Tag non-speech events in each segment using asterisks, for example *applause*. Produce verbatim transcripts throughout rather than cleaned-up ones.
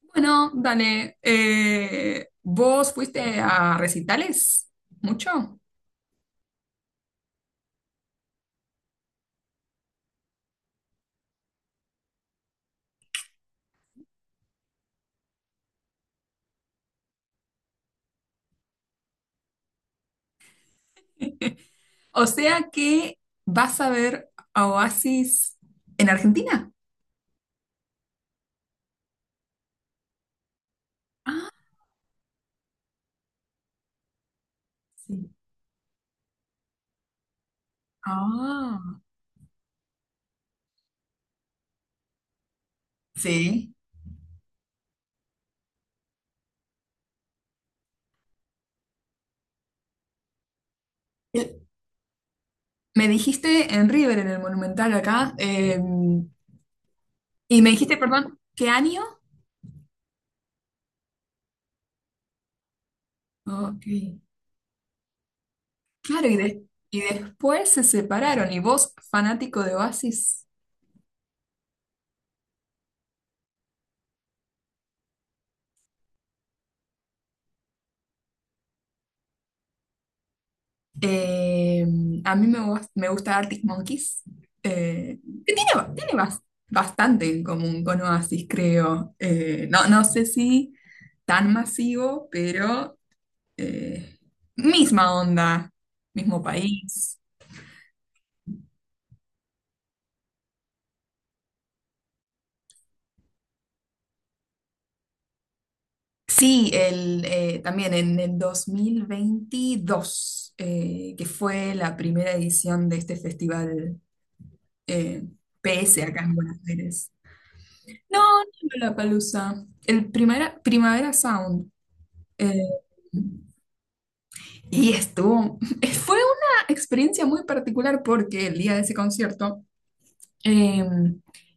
Bueno, dale, eh, ¿vos fuiste a recitales? ¿Mucho? *laughs* O sea que vas a ver a Oasis en Argentina. Ah, sí. Ah, sí. El- Me dijiste en River, en el Monumental acá, eh, y me dijiste, perdón, ¿qué año? Ok. Claro, y, de- y después se separaron, y vos, fanático de Oasis. Eh, a mí me, gus- me gusta Arctic Monkeys, eh, que tiene, ba- tiene bas- bastante en común con Oasis, creo. Eh, no, no sé si tan masivo, pero eh, misma onda, mismo país. Sí, el, eh, también en el dos mil veintidós, eh, que fue la primera edición de este festival, eh, P S acá en Buenos Aires. No, no Lollapalooza. El primera, Primavera Sound. eh, y estuvo. *laughs* Fue una experiencia muy particular porque el día de ese concierto eh,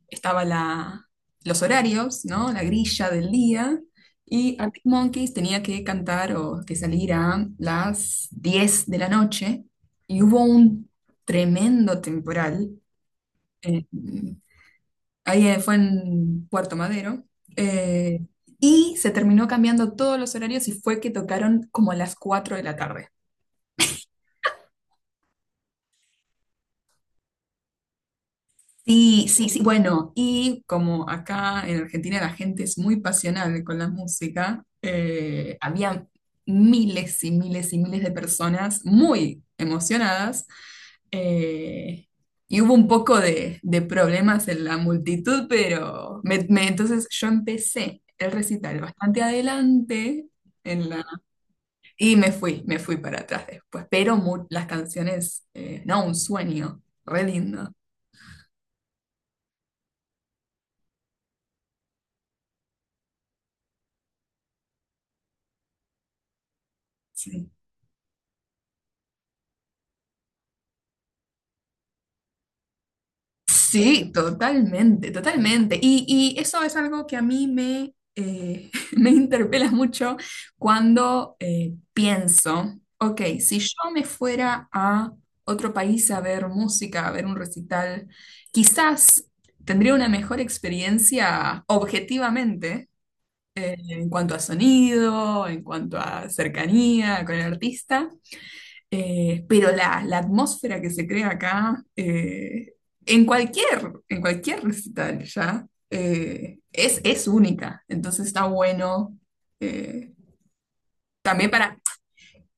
estaba la, los horarios, ¿no? La grilla del día. Y Arctic Monkeys tenía que cantar o que salir a las diez de la noche. Y hubo un tremendo temporal. eh, Ahí eh, fue en Puerto Madero. eh, y se terminó cambiando todos los horarios y fue que tocaron como a las cuatro de la tarde. Sí, sí, sí. Bueno, y como acá en Argentina la gente es muy pasional con la música, eh, había miles y miles y miles de personas muy emocionadas. eh, y hubo un poco de, de problemas en la multitud, pero me- me- entonces yo empecé el recital bastante adelante en la, y me fui, me fui para atrás después. Pero mu- las canciones, eh, no, un sueño, re lindo. Sí. Sí, totalmente, totalmente. Y, y eso es algo que a mí me, eh, *laughs* me interpela mucho cuando eh, pienso, ok, si yo me fuera a otro país a ver música, a ver un recital, quizás tendría una mejor experiencia objetivamente, eh, en cuanto a sonido, en cuanto a cercanía con el artista. Eh, pero la, la atmósfera que se crea acá, eh, en cualquier, en cualquier recital ya, eh, es, es única. Entonces está bueno, eh, también para,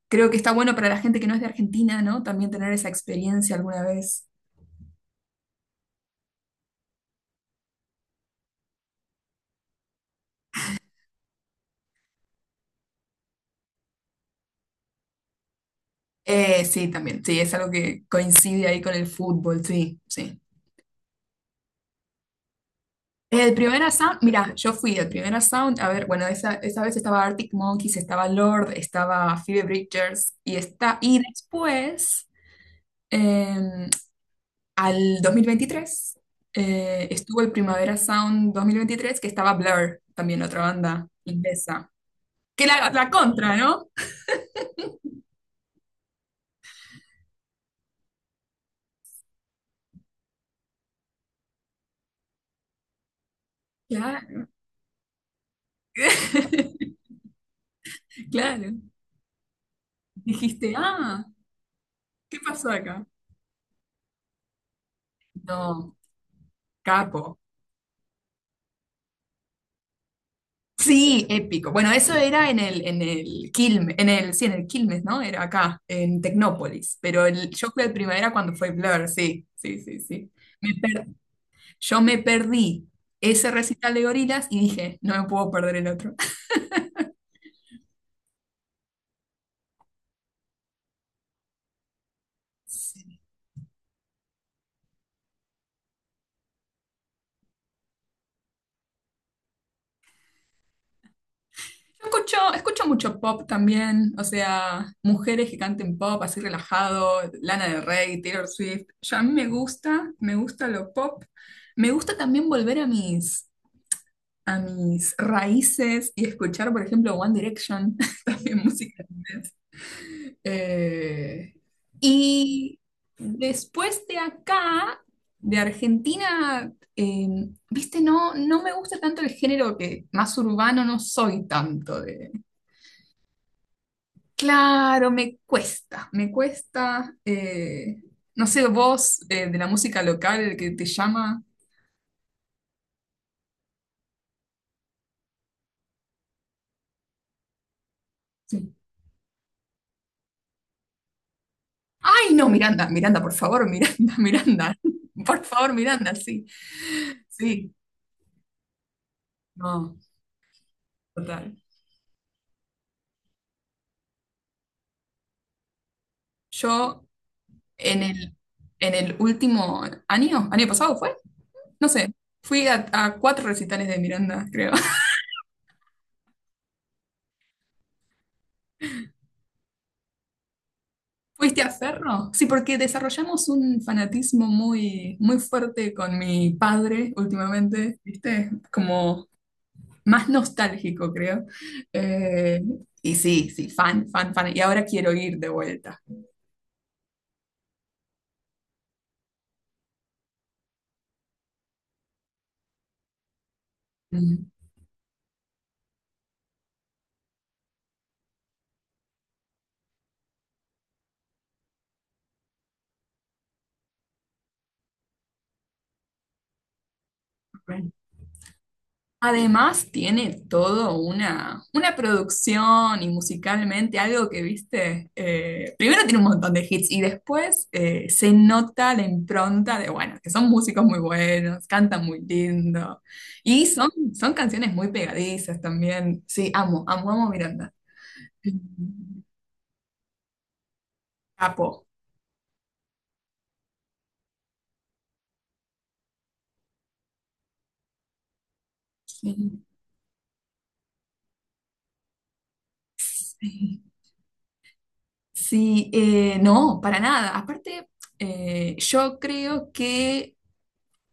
creo que está bueno para la gente que no es de Argentina, ¿no? También tener esa experiencia alguna vez. Eh, sí, también, sí, es algo que coincide ahí con el fútbol, sí, sí. Eh, El primer Sound, mira, yo fui el primer Sound, a ver, bueno, esa, esa vez estaba Arctic Monkeys, estaba Lord, estaba Phoebe Bridgers y está, y después, em, al dos mil veintitrés, eh, estuvo el Primavera Sound dos mil veintitrés que estaba Blur, también otra banda inglesa, que la, la contra, ¿no? Claro, *laughs* claro. Dijiste, ah, ¿qué pasó acá? No, capo. Sí, épico. Bueno, eso era en el, en el Quilmes, en el, sí, en el Quilmes, ¿no? Era acá, en Tecnópolis. Pero el, yo fui al Primavera cuando fue Blur, sí, sí, sí, sí. Me per- yo me perdí ese recital de Gorilas y dije, no me puedo perder el otro. *laughs* Sí. Yo escucho, escucho mucho pop también, o sea, mujeres que canten pop así relajado, Lana del Rey, Taylor Swift. Yo a mí me gusta, me gusta lo pop. Me gusta también volver a mis a mis raíces y escuchar, por ejemplo, One Direction, *laughs* también música en inglés. Eh, y después de acá, de Argentina, eh, viste, no, no me gusta tanto el género que más urbano no soy tanto de... Claro, me cuesta, me cuesta, eh, no sé, vos eh, de la música local que te llama. Sí. Ay, no, Miranda, Miranda, por favor, Miranda, *laughs* Miranda, por favor, Miranda, sí, sí, no, total. Yo en el, en el último año, año pasado fue, no sé, fui a, a cuatro recitales de Miranda, creo. *laughs* ¿Fuiste a Ferro? Sí, porque desarrollamos un fanatismo muy, muy fuerte con mi padre últimamente, ¿viste? Como más nostálgico, creo. Eh, y sí, sí, fan, fan, fan. Y ahora quiero ir de vuelta. Mm, ok. Además, tiene todo una, una producción y musicalmente algo que viste. Eh, primero tiene un montón de hits y después eh, se nota la impronta de, bueno, que son músicos muy buenos, cantan muy lindo y son, son canciones muy pegadizas también. Sí, amo, amo, amo a Miranda. *laughs* Capo. Sí, sí, sí, eh, no, para nada. Aparte, eh, yo creo que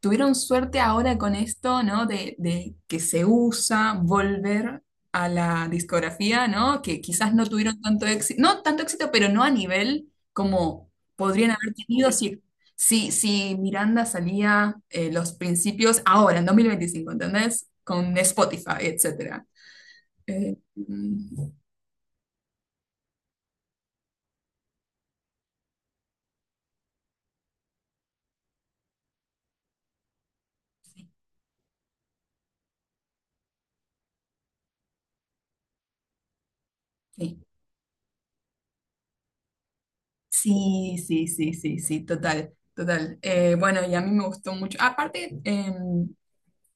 tuvieron suerte ahora con esto, ¿no? De, de que se usa volver a la discografía, ¿no? Que quizás no tuvieron tanto éxito, no tanto éxito, pero no a nivel como podrían haber tenido si, si, si Miranda salía eh, los principios ahora, en dos mil veinticinco, ¿entendés? Con Spotify, etcétera. Eh, mm, sí. Sí, sí, sí, sí, sí, total, total. Eh, bueno, y a mí me gustó mucho. Aparte, em,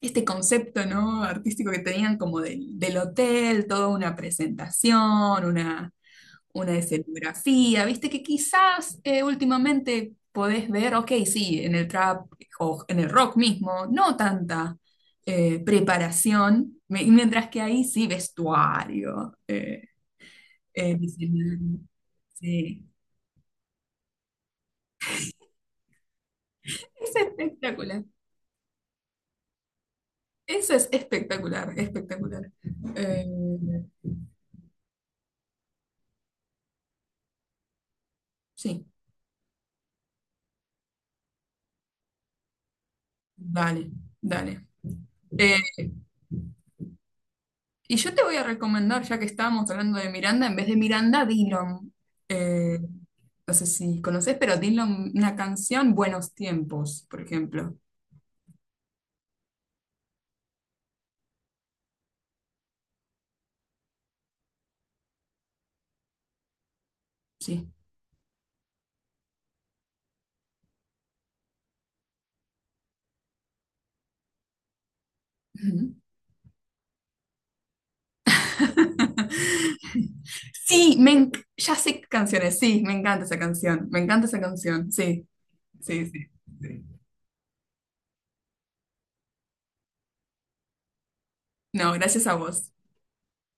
este concepto, ¿no? Artístico que tenían como del, del hotel, toda una presentación, una, una escenografía, viste que quizás eh, últimamente podés ver, ok, sí, en el trap o en el rock mismo, no tanta eh, preparación, me- mientras que ahí sí vestuario, eh, eh, escenario, sí. Es espectacular, eso es espectacular, espectacular. Eh, sí, dale, dale. Eh, Y yo te voy a recomendar, ya que estábamos hablando de Miranda, en vez de Miranda, Dillom. Eh, no sé si conoces, pero Dillom, una canción, Buenos Tiempos, por ejemplo. Sí. Ujú. *laughs* Sí, me enc- ya sé qué canciones, sí, me encanta esa canción, me encanta esa canción, sí, sí, sí. Sí. No, gracias a vos.